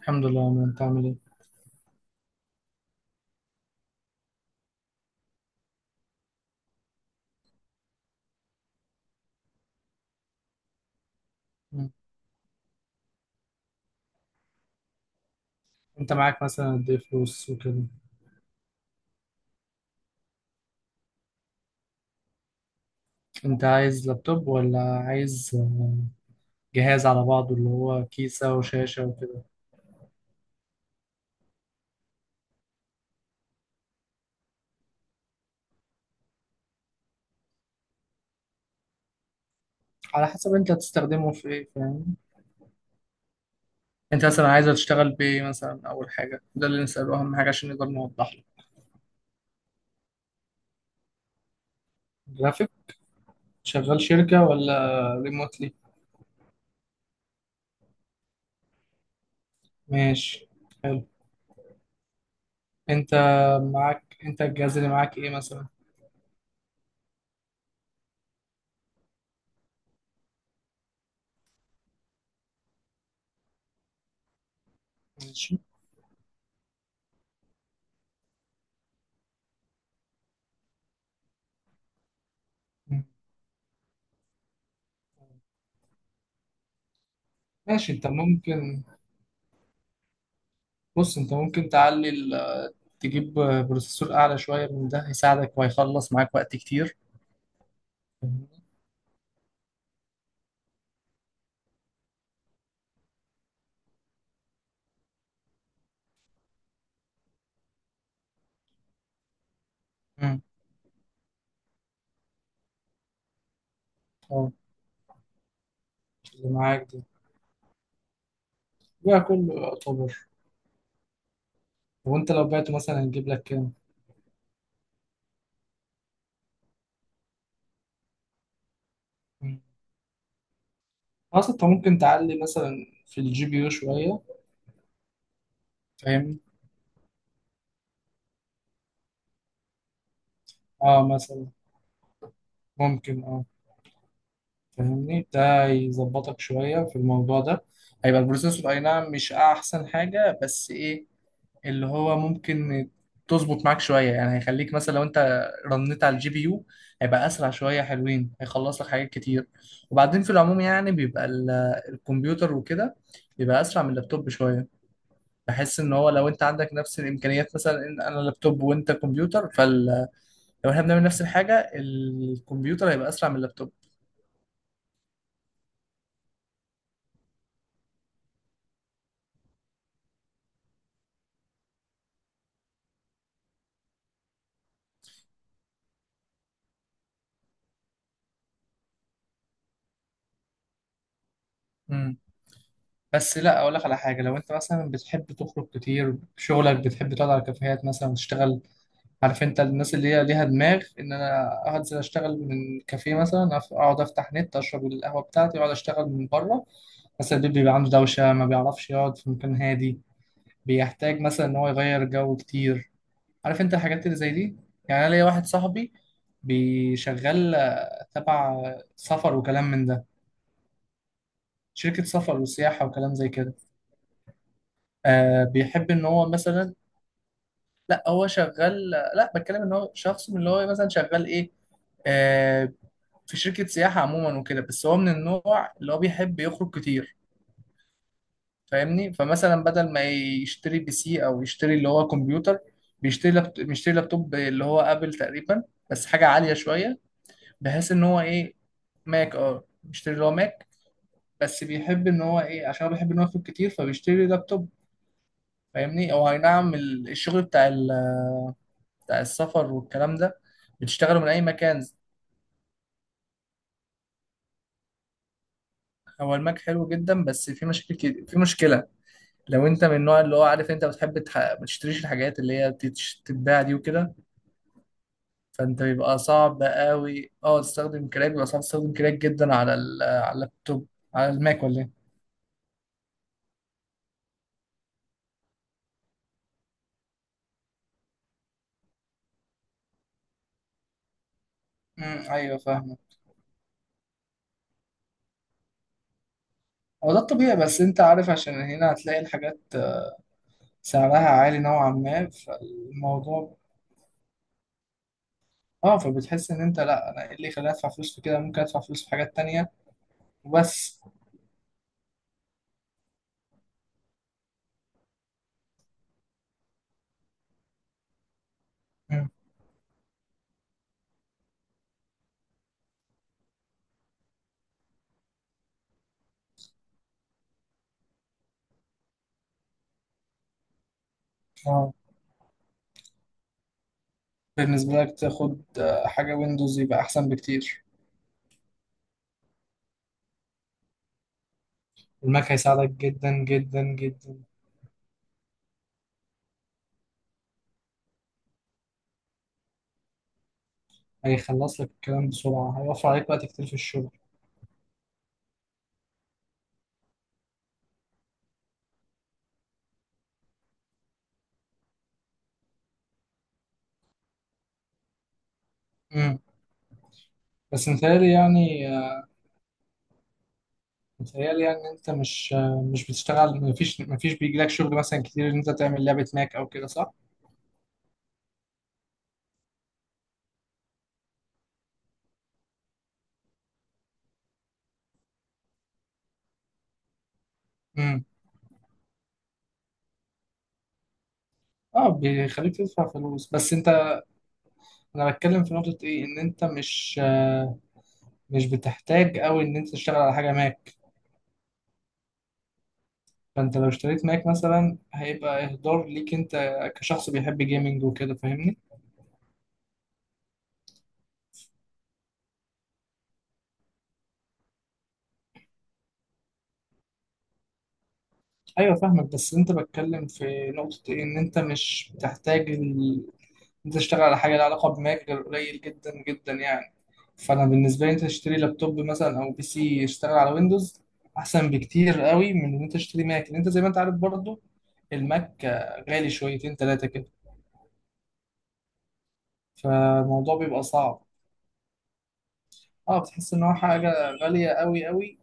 الحمد لله، ما انت عامل ايه؟ مم. انت معاك مثلا قد ايه فلوس وكده؟ انت عايز لابتوب ولا عايز جهاز على بعضه، اللي هو كيسة وشاشة وكده؟ على حسب انت هتستخدمه في ايه، فاهم؟ انت مثلا عايز تشتغل بايه مثلا؟ اول حاجة ده اللي نسأله، اهم حاجة عشان نقدر نوضح له. جرافيك. شغال شركة ولا ريموتلي؟ ماشي. حلو. انت معاك الجهاز اللي معاك ايه مثلا؟ ماشي. مم. ماشي انت ممكن. بص انت ممكن تعلي تجيب بروسيسور اعلى شويه من ده، هيساعدك وهيخلص معاك وقت كتير. امم اه، اللي معاك ده بقى كله يعتبر، وانت لو بعته مثلا هنجيب لك كام؟ مم. اصلا انت ممكن تعلي مثلا في الجي بي يو شويه، فاهمني؟ اه مثلا، ممكن فاهمني، ده يظبطك شويه في الموضوع ده. هيبقى البروسيسور اي نعم مش احسن حاجه، بس ايه؟ اللي هو ممكن تظبط معاك شوية يعني. هيخليك مثلا لو انت رنيت على الجي بي يو هيبقى اسرع شوية، حلوين، هيخلص لك حاجات كتير. وبعدين في العموم يعني بيبقى الكمبيوتر وكده بيبقى اسرع من اللابتوب شوية. بحس ان هو لو انت عندك نفس الامكانيات، مثلا ان انا لابتوب وانت كمبيوتر، فلو احنا بنعمل نفس الحاجة الكمبيوتر هيبقى اسرع من اللابتوب. امم بس لا، اقول لك على حاجة. لو انت مثلا بتحب تخرج كتير، شغلك بتحب تقعد على كافيهات مثلا وتشتغل، عارف انت، الناس اللي هي ليها دماغ ان انا انزل اشتغل من كافيه مثلا، اقعد افتح نت، اشرب القهوه بتاعتي واقعد اشتغل من بره. بس البيت بيبقى عنده دوشه، ما بيعرفش يقعد في مكان هادي، بيحتاج مثلا ان هو يغير جو كتير، عارف انت الحاجات اللي زي دي. يعني انا ليا واحد صاحبي بيشغل تبع سفر وكلام من ده، شركه سفر وسياحه وكلام زي كده. بيحب ان هو مثلا، لا هو شغال. لا، بتكلم ان هو شخص من اللي هو مثلا شغال ايه، آه، في شركة سياحة عموما وكده. بس هو من النوع اللي هو بيحب يخرج كتير، فاهمني؟ فمثلا بدل ما يشتري بي سي أو يشتري اللي هو كمبيوتر، بيشتري بيشتري لابتوب اللي هو آبل تقريبا، بس حاجة عالية شوية، بحيث إن هو إيه. ماك، أه، بيشتري اللي هو ماك. بس بيحب إن هو إيه، عشان هو بيحب إن هو يخرج كتير فبيشتري لابتوب، فاهمني؟ أو أي نعم الشغل بتاع السفر والكلام ده بتشتغله من أي مكان. هو الماك حلو جدا، بس في مشاكل في مشكلة. لو انت من النوع اللي هو، عارف انت، بتحب ما تشتريش الحاجات اللي هي بتتباع دي وكده، فانت بيبقى صعب قوي تستخدم كراك، بيبقى صعب تستخدم كراك جدا على على اللابتوب، على الماك ولا ايه. ايوه فاهمه. هو ده الطبيعي، بس انت عارف عشان هنا هتلاقي الحاجات سعرها عالي نوعا ما، فالموضوع اه، فبتحس ان انت، لا انا ايه اللي يخليني ادفع فلوس في كده؟ ممكن ادفع فلوس في حاجات تانية وبس. مم. اه، بالنسبة لك تاخد حاجة ويندوز يبقى احسن بكتير. الماك هيساعدك جدا جدا جدا، هيخلص لك الكلام بسرعة، هيوفر عليك وقت كتير في الشغل. مم. بس متهيألي يعني، إن أنت مش مش بتشتغل. مفيش بيجيلك شغل مثلا كتير إن أنت تعمل لعبة ماك أو كده، صح؟ مم. اه، بيخليك تدفع فلوس. بس انت، انا بتكلم في نقطة ايه، ان انت مش مش بتحتاج قوي ان انت تشتغل على حاجة ماك. فانت لو اشتريت ماك مثلا هيبقى اهدار ليك انت، كشخص بيحب جيمنج وكده، فاهمني؟ ايوه، فاهمك. بس انت بتكلم في نقطة ايه، ان انت مش بتحتاج انت تشتغل على حاجة لها علاقة بماك غير قليل جدا جدا يعني. فانا بالنسبة لي انت تشتري لابتوب مثلا او بي سي يشتغل على ويندوز احسن بكتير قوي من ان انت تشتري ماك، لان انت زي ما انت عارف برضو الماك غالي شويتين تلاتة كده، فالموضوع بيبقى صعب. اه، بتحس ان هو حاجة غالية قوي قوي،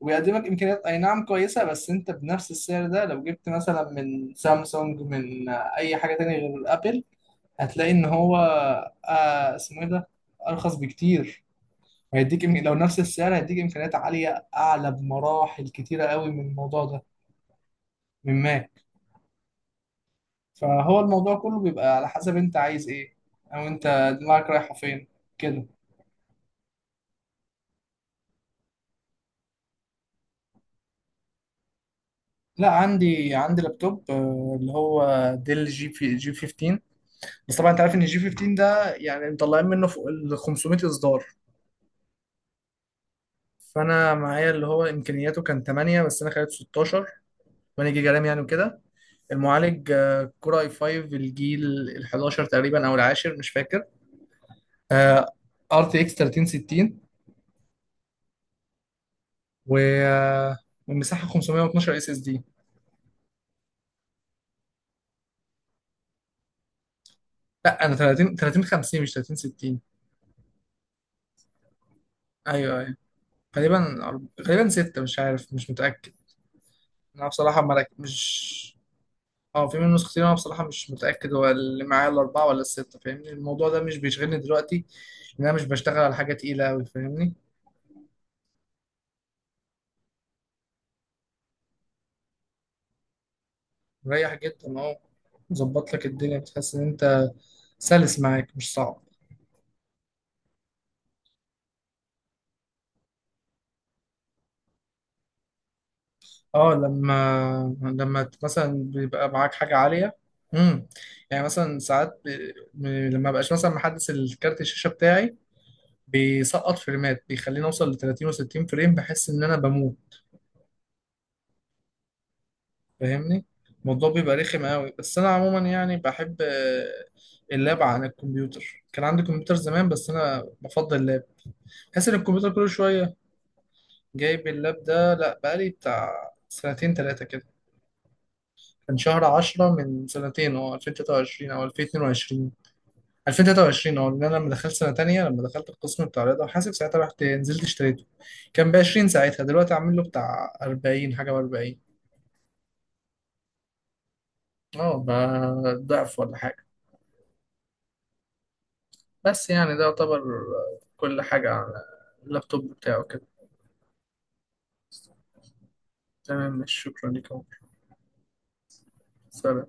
ويقدمك امكانيات اي نعم كويسة. بس انت بنفس السعر ده لو جبت مثلا من سامسونج، من اي حاجة تانية غير ابل، هتلاقي ان هو اسمه ايه ده، ارخص بكتير. هيديك لو نفس السعر هيديك امكانيات عاليه، اعلى بمراحل كتيره قوي من الموضوع ده، من ماك. فهو الموضوع كله بيبقى على حسب انت عايز ايه، او انت دماغك رايحه فين كده. لا، عندي لابتوب اللي هو ديل جي في جي 15. بس طبعا انت عارف ان الجي 15 ده يعني مطلعين منه فوق ال 500 اصدار. فانا معايا اللي هو امكانياته كان 8 بس انا خليته 16، 8 جيجا رام يعني وكده. المعالج كور اي 5، الجيل ال 11 تقريبا او العاشر مش فاكر. آه، ار تي اكس 3060، و آه، والمساحه 512 اس اس دي. لا انا 30 3050 مش 3060. ايوه ايوه، غالبا 6، مش عارف، مش متاكد. انا بصراحه ملك مش، اه في منه نسختين. انا بصراحه مش متاكد هو اللي معايا الاربعه ولا السته، فاهمني؟ الموضوع ده مش بيشغلني دلوقتي، لان انا مش بشتغل على حاجه تقيله قوي، فاهمني؟ مريح جدا اهو، ظبط لك الدنيا، بتحس ان انت سلس معاك مش صعب. اه، لما مثلا بيبقى معاك حاجة عالية. امم يعني مثلا ساعات لما بقاش مثلا محدث الكارت الشاشة بتاعي، بيسقط فريمات، بيخليني اوصل ل 30 و60 فريم، بحس ان انا بموت، فاهمني؟ الموضوع بيبقى رخم قوي. بس انا عموما يعني بحب اللاب عن الكمبيوتر. كان عندي كمبيوتر زمان، بس انا بفضل اللاب، بحس ان الكمبيوتر كل شوية. جايب اللاب ده، لا بقالي بتاع سنتين تلاتة كده. كان شهر 10 من سنتين، هو 2023 او 2022 2023. اه، لان انا لما دخلت سنه تانية، لما دخلت القسم بتاع رياضه وحاسب، ساعتها رحت نزلت اشتريته. كان ب 20، ساعتها دلوقتي عامل له بتاع 40 حاجه و40. اه بقى، ضعف ولا حاجه. بس يعني ده يعتبر كل حاجه على اللابتوب بتاعه كده. تمام، مش شكرا لك يا عمر. سلام.